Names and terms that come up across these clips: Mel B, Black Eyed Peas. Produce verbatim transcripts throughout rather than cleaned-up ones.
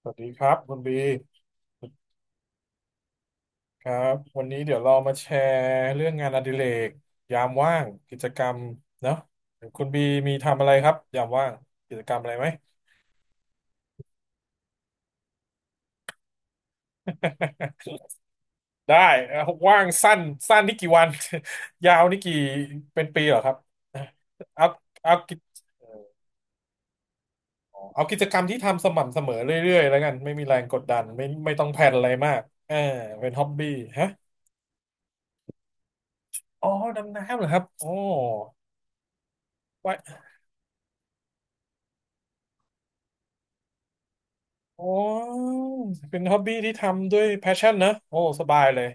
สวัสดีครับคุณบีครับวันนี้เดี๋ยวเรามาแชร์เรื่องงานอดิเรกยามว่างกิจกรรมเนาะคุณบีมีทำอะไรครับยามว่างกิจกรรมอะไรไหมได้เอ่อว่างสั้นสั้นนี่กี่วัน ยาวนี่กี่เป็นปีเหรอครับเอาเอากิจอ๋อเอากิจกรรมที่ทำสม่ำเสมอเรื่อยๆแล้วกันไม่มีแรงกดดันไม่ไม่ต้องแพลนอะไรมากเออเป็นฮ็อบบี้ฮะอ๋อดำน้ำเหรอครับโอ้ อ๋อเป็นฮ็อบบี้ที่ทำด้วยแพชชั่นนะโอ้สบายเลย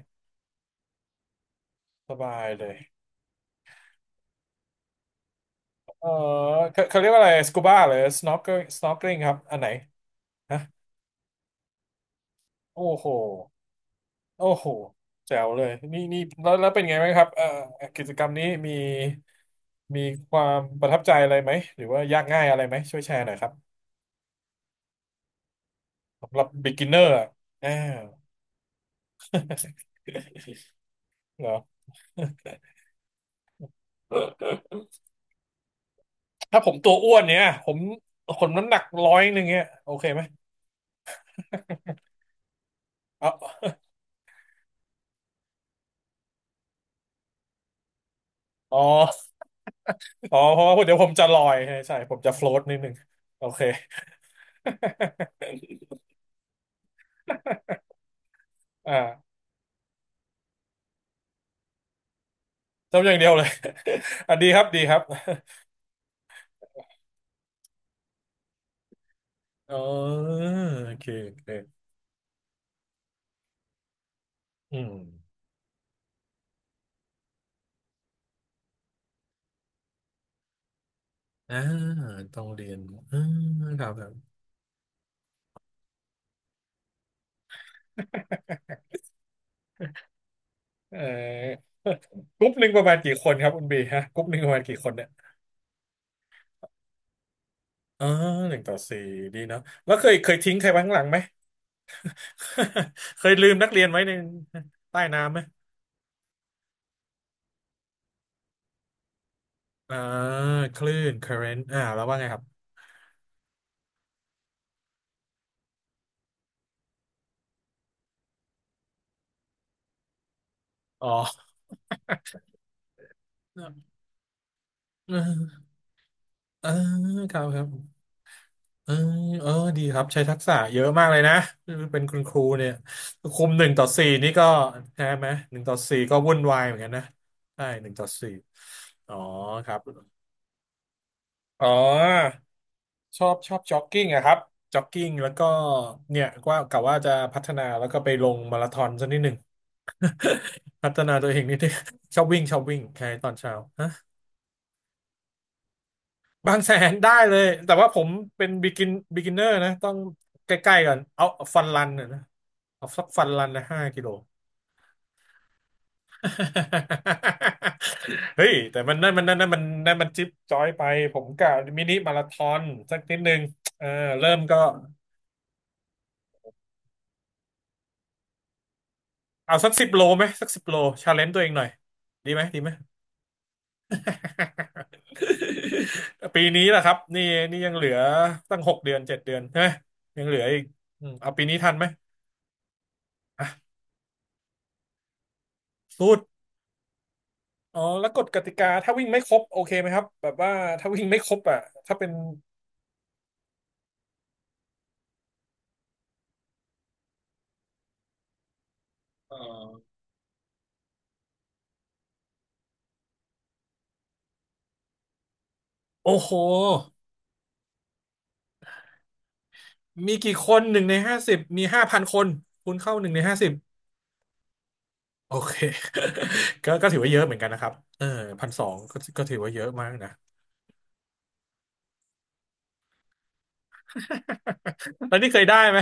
สบายเลยเออเขาเขาเรียกว่าอะไรสกูบ้าหรือสโนว์สโนว์ลิงครับอันไหนฮะโอ้โหโอ้โหแจ๋วเลยนี่นี่แล้วแล้วเป็นไงไหมครับเอ่อกิจกรรมนี้มีมีความประทับใจอะไรไหมหรือว่ายากง่ายอะไรไหมช่วยแชร์หน่อยครับสำหรับ บีกินเนอร์ อะอ้า วเหรอถ้าผมตัวอ้วนเนี่ยผมคนน้ำหนักร้อยหนึ่งเนี่ยโอเคไหมเอา อ๋ออ๋อเพราะว่าเดี๋ยวผมจะลอยใช่ใช่ผมจะโฟล t นิดหนึ่งโอเคอ่าทำอย่างเดียวเลย อ่ะดีครับดีครับ อ๋อโอเคโอเคอืมอ่าต้องเรียนอ่าครับ ครับเอ่อ กรุ๊ปหนึ่งประมาณกี่คนครับคุณบีฮะกรุ๊ปหนึ่งประมาณกี่คนเนี่ยอ๋อหนึ่งต่อสี่ดีเนาะแล้วเคยเคยทิ้งใครไว้ข้างหลังไหม เคยลืมนักเรียนไว้ในใต้น้ำไหมอ่าคลื่น เคอร์เรนต์ อ่าแล้วว่าไงครับอ๋อ เออเออครับครับเออเออดีครับใช้ทักษะเยอะมากเลยนะเป็นคุณครูเนี่ยคุมหนึ่งต่อสี่นี่ก็ใช่ไหมหนึ่งต่อสี่ก็วุ่นวายเหมือนกันนะใช่หนึ่งต่อสี่อ๋อครับอ๋อชอบชอบจ็อกกิ้งอะครับจ็อกกิ้งแล้วก็เนี่ยว่ากะว่าจะพัฒนาแล้วก็ไปลงมาราธอนสักนิดหนึ่ง พัฒนาตัวเองนิดนึงชอบวิ่งชอบวิ่งใช่ตอนเช้า บางแสนได้เลยแต่ว่าผมเป็นบิกินบิกินเนอร์นะต้องใกล้ๆก่อนเอาฟันรันนะนะเอาสักฟันรันนะห้ากิโล เฮ้ยแต่มันนั่นมันนั่นนั่นมันนั่นมันจิ๊บจ้อยไปผมกะมินิมาราธอนสักนิดนึงเออเริ่มก็เอาสักสิบโลไหมสักสิบโลชาเลนจ์ตัวเองหน่อยดีไหมดีไหม ปีนี้แหละครับนี่นี่ยังเหลือตั้งหกเดือนเจ็ดเดือนใช่ไหมยังเหลืออีกอืมเอาปีนี้ทันไหมอ่ะสู้ อ๋อแล้วกฎกติกาถ้าวิ่งไม่ครบโอเคไหมครับแบบว่าถ้าวิ่งไม่ครบอ่ะถ้าเป็นเอ่อโอ้โหมีกี่คนหนึ่งในห้าสิบมีห้าพันคนคูณเข้าหนึ่งในห้าสิบโอเค ก็ก็ถือว่าเยอะเหมือนกันนะครับเออพันสองก็ก็ถือว่าเยอะมากนะ แล้วนี่เคยได้ไหม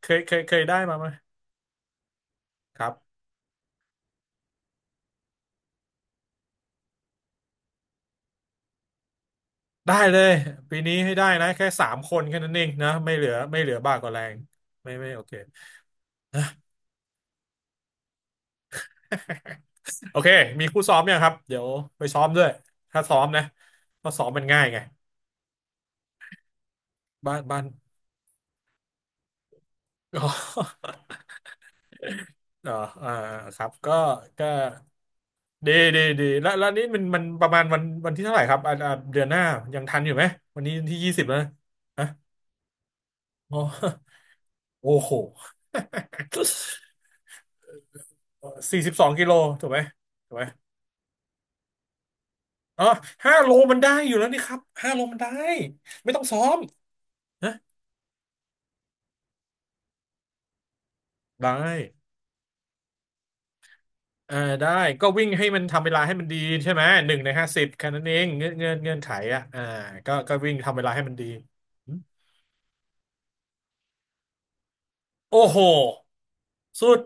เคยเคยเคยได้มาไหมครับได้เลยปีนี้ให้ได้นะแค่สามคนแค่นั้นเองนะไม่เหลือไม่เหลือบ้ากว่าแรงไม่ไม่โอเค โอเคมีคู่ซ้อมยังครับเดี๋ยวไปซ้อมด้วยถ้าซ้อมนะเพราะซ้อมมันง่ายไงบ้านบ้าน อ๋อเอออ่าครับก็ก็ดีดีดีแล้วแล้วนี่มันมันประมาณวันวันที่เท่าไหร่ครับอ่าอ่าเดือนหน้ายังทันอยู่ไหม วันนี้ที่ยี่สิบแล้วนะฮะอ๋อ โอ้โห สี่สิบสองกิโลถูกไหมถูกไหมอ๋อห้าโลมันได้อยู่แล้วนี่ครับห้าโลมันได้ ไม่ต้องซ้อมนะได้ เออได้ก็วิ่งให้มันทำเวลาให้มันดีใช่ไหมหนึ่งในห้าสิบแค่นั้นเองเงื่อนเงื่อนเงื่อนไขอ่ะอ่าก็ก็วิ่งทำเวลาให้มันดีโอ้โหสุด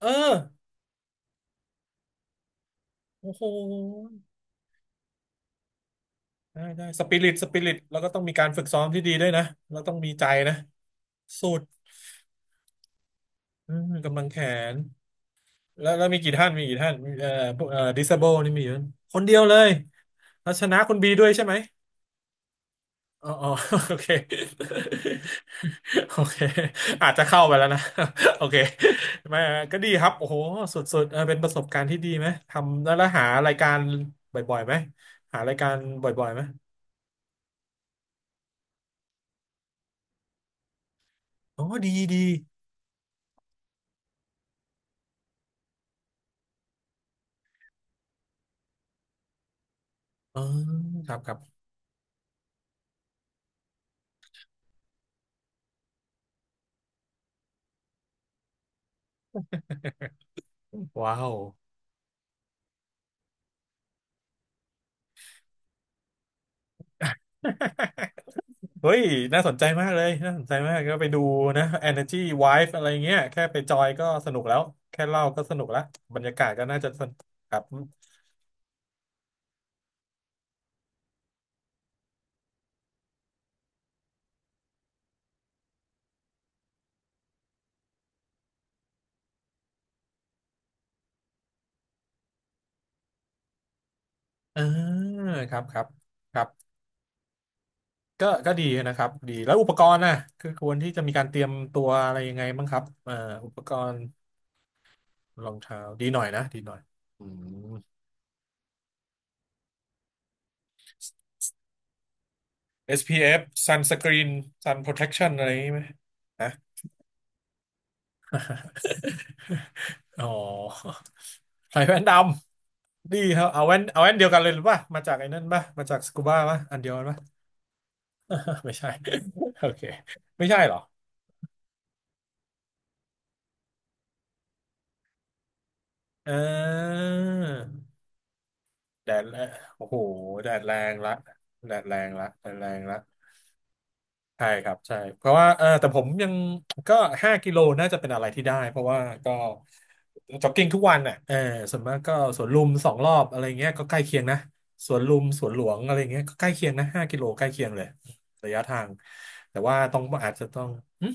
เออโอ้โหได้ได้สปิริตสปิริตแล้วก็ต้องมีการฝึกซ้อมที่ดีด้วยนะแล้วต้องมีใจนะสุดอืมกำลังแขนแล้วแล้วมีกี่ท่านมีกี่ท่านมีเอ่อพวกเอ่อดิสเบลนี่มีเยอะคนเดียวเลยแล้วชนะคุณบีด้วยใช่ไหม อ๋อ อ๋อโอเคโอเคอาจจะเข้าไปแล้วนะ โอเคไม่ก็ดีครับโอ้โหสุดๆเออเป็นประสบการณ์ที่ดีไหมทำแล้วแล้วหารายการบ่อยๆไหมหารายการบ่อยๆไหมอ๋อดีดีอ๋อครับครับว้าว เฮ้ยน่าสนใจมากเลยน่าสนใจมากก็ไปดูนะ เอเนอร์จี้ ไวฟ์ อะไรเงี้ยแค่ไปจอยก็สนุกแล้วแค่เล่าก็สนุกแล้วบรรยากาศก็น่าจะสนุกครับเออครับครับครับ ก็ก็ดีนะครับดีแล้วอุปกรณ์น่ะคือควรที่จะมีการเตรียมตัวอะไรยังไงบ้างครับเอ่ออุปกรณ์รองเท้าดีหน่อยนะดีหน่อยอืม เอส พี เอฟ sunscreen sun protection อะไรอย่างนี้ไหมฮะ อ๋อใส่แว่นดำดีครับเอาแว่นเอาแว่นเดียวกันเลยหรือป่ะมาจากไอ้นั่นป่ะมาจากสกูบ้าป่ะอันเดียวกันป่ะ ไม่ใช่โอเคไม่ใช่เหรอเออ แดดแรงโอ้โหแดดแรงละแดดแรงละแดดแรงละใช่ครับใช่เพราะว่าเออแต่ผมยังก็ห้ากิโลน่าจะเป็นอะไรที่ได้เพราะว่าก็จ็อกกิ้งทุกวันน่ะเออส่วนมากก็สวนลุมสองรอบอะไรเงี้ยก็ใกล้เคียงนะสวนลุมสวนหลวงอะไรเงี้ยก็ใกล้เคียงนะห้ากิโลใกล้เคียงเลยระยะทางแต่ว่าต้องอาจจะต้องหึ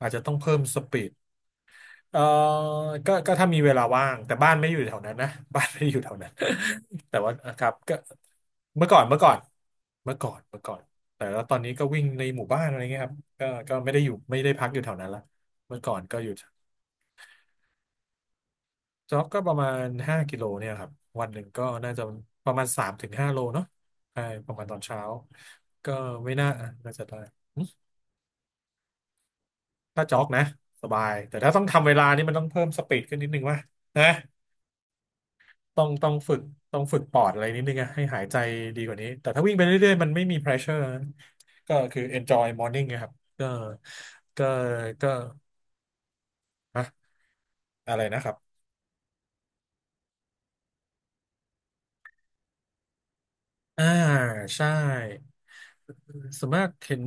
อาจจะต้องเพิ่มสปีด เออก็ก็ถ้ามีเวลาว่าง แต่บ้านไม่อยู่แถวนั้นนะ บ้านไม่อยู่แถวนั้น แต่ว่าครับก็เมื่อก่อนเมื่อก่อนเมื่อก่อนเมื่อก่อนแต่แล้วตอนนี้ก็วิ่งในหมู่บ้านอะไรเงี้ยครับก็ก็ไม่ได้อยู่ไม่ได้พักอยู่แถวนั้นละเมื่อก่อนก็อยู่จ็อกก็ประมาณห้ากิโลเนี่ยครับวันหนึ่งก็น่าจะประมาณสามถึงห้าโลเนาะใช่ประมาณตอนเช้าก็ไม่น่าน่าจะได้ถ้าจ็อกนะสบายแต่ถ้าต้องทำเวลานี่มันต้องเพิ่มสปีดขึ้นนิดนึงว่ะนะ ต้องต้องฝึกต้องฝึกปอดอะไรนิดนึงอะให้หายใจดีกว่านี้แต่ถ้าวิ่งไปเรื่อยๆมันไม่มี pressure นะก็คือ enjoy morning นะครับก็ก็ก็อะอะไรนะครับอ่าใช่ส่วนมากเห็น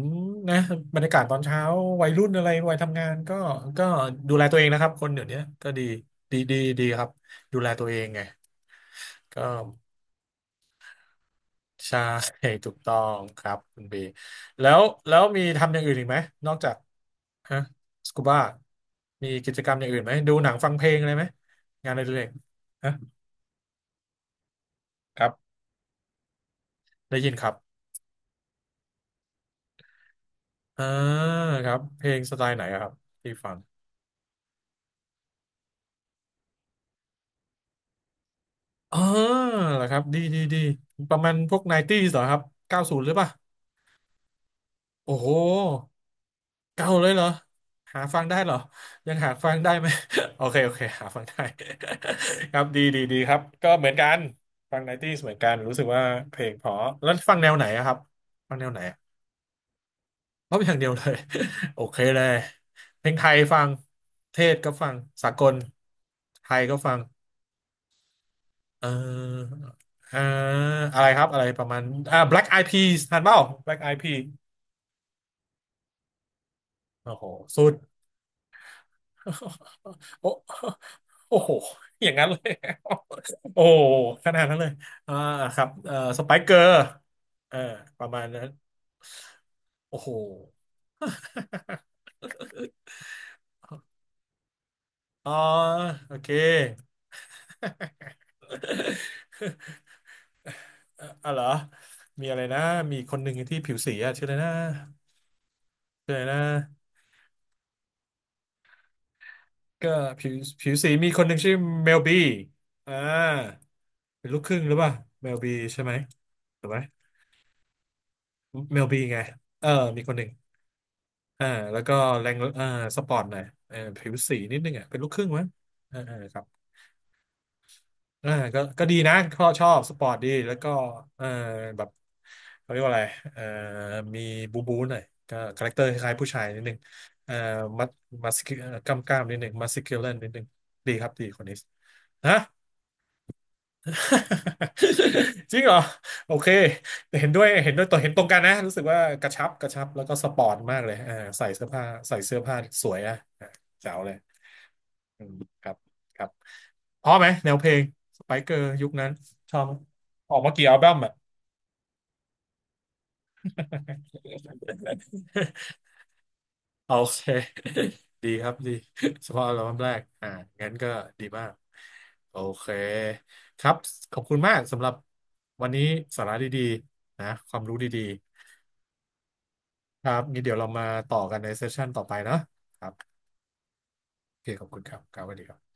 นะบรรยากาศตอนเช้าวัยรุ่นอะไรวัยทำงานก็ก็ดูแลตัวเองนะครับคนเดี๋ยวนี้ก็ดีดีดีดีครับดูแลตัวเองไงก็ ใช่ ถูกต้องครับคุณบีแล้วแล้วมีทำอย่างอื่นอีกไหมนอกจากฮะสกูบ้ามีกิจกรรมอย่างอื่นไหมดูหนังฟังเพลงอะไรไหมงานอะไรเล็กฮะครับได้ยินครับอ่าครับเพลงสไตล์ไหนอะครับที่ฟังอ๋อเหรอครับดีดีดีประมาณพวกไนตี้เหรอครับเก้าศูนย์หรือเปล่าโอ้โห เก่าเลยเหรอหาฟังได้เหรอยังหาฟังได้ไหม โอเคโอเคหาฟังได้ ครับดีดีดีครับก็เหมือนกันฟังไนตี้เหมือนกันรู้สึกว่าเพลงเพอแล้วฟังแนวไหนอะครับฟังแนวไหนอะเพราะอย่างเดียวเลย โอเคเลยเพลงไทยฟังเทศก็ฟังสากลไทยก็ฟังเออเอออะไรครับอะไรประมาณอ่า Black Eyed Peas ทันเปล่า Black Eyed Peas โอ้โหสุด โอ้โอ้โหอย่างนั้นเลย โอ้ขนาดนั้นเลยอ่าครับเอ่อสไปเกอร์เออประมาณนั้นโอ้โหอ๋อโอเคเอ่ออ๋อเหรอมีอะไรนะมีคนหนึ่งที่ผิวสีอะชื่ออะไรนะชื่ออะไรนะก็ผิวผิวสีมีคนหนึ่งชื่อเมลบีอ่าเป็นลูกครึ่งหรือเปล่าเมลบีใช่ไหมถูกไหมเมลบีไง เออมีคนหนึ่ง อ่าแล้วก็แรงอ่าสปอร์ตหน่อยเออผิวสีนิดนึงอ่ะเป็นลูกครึ่งมั้งเออเออครับอ่าก็ก็ดีนะชอบชอบสปอร์ตดีแล้วก็เออแบบเขาเรียกว่าอะไรเออมีบูบูหน่อยก็คาแรคเตอร์คล้ายๆผู้ชายนิดนึงเออมัดมัสกล้ามกล้ามๆนิดนึงมัสคิวเลนนิดนึงดีครับดีคนนี้ฮะ จริงเหรอโอเคแต่เห็นด้วยเห็นด้วยตัวเห็นตรงกันนะรู้สึกว่ากระชับกระชับแล้วก็สปอร์ตมากเลยอ่าใส่เสื้อผ้าใส่เสื้อผ้าสวยอ่ะอ่าแจ๋วเลยอืมครับครับพอไหมแนวเพลงสไปเกอร์ยุคนั้นชอบไหมออกมากี่อัลบั้มอ่ะ โอเค ดีครับดี เฉพาะอัลบั้มแรกอ่างั้นก็ดีมาก โอเค ครับ ขอบคุณมากสำหรับวันนี้สาระดีๆนะความรู้ดีๆครับงี้เดี๋ยวเรามาต่อกันในเซสชั่นต่อไปเนอะครับโอเค ขอบคุณครับครับสวัสดีครับ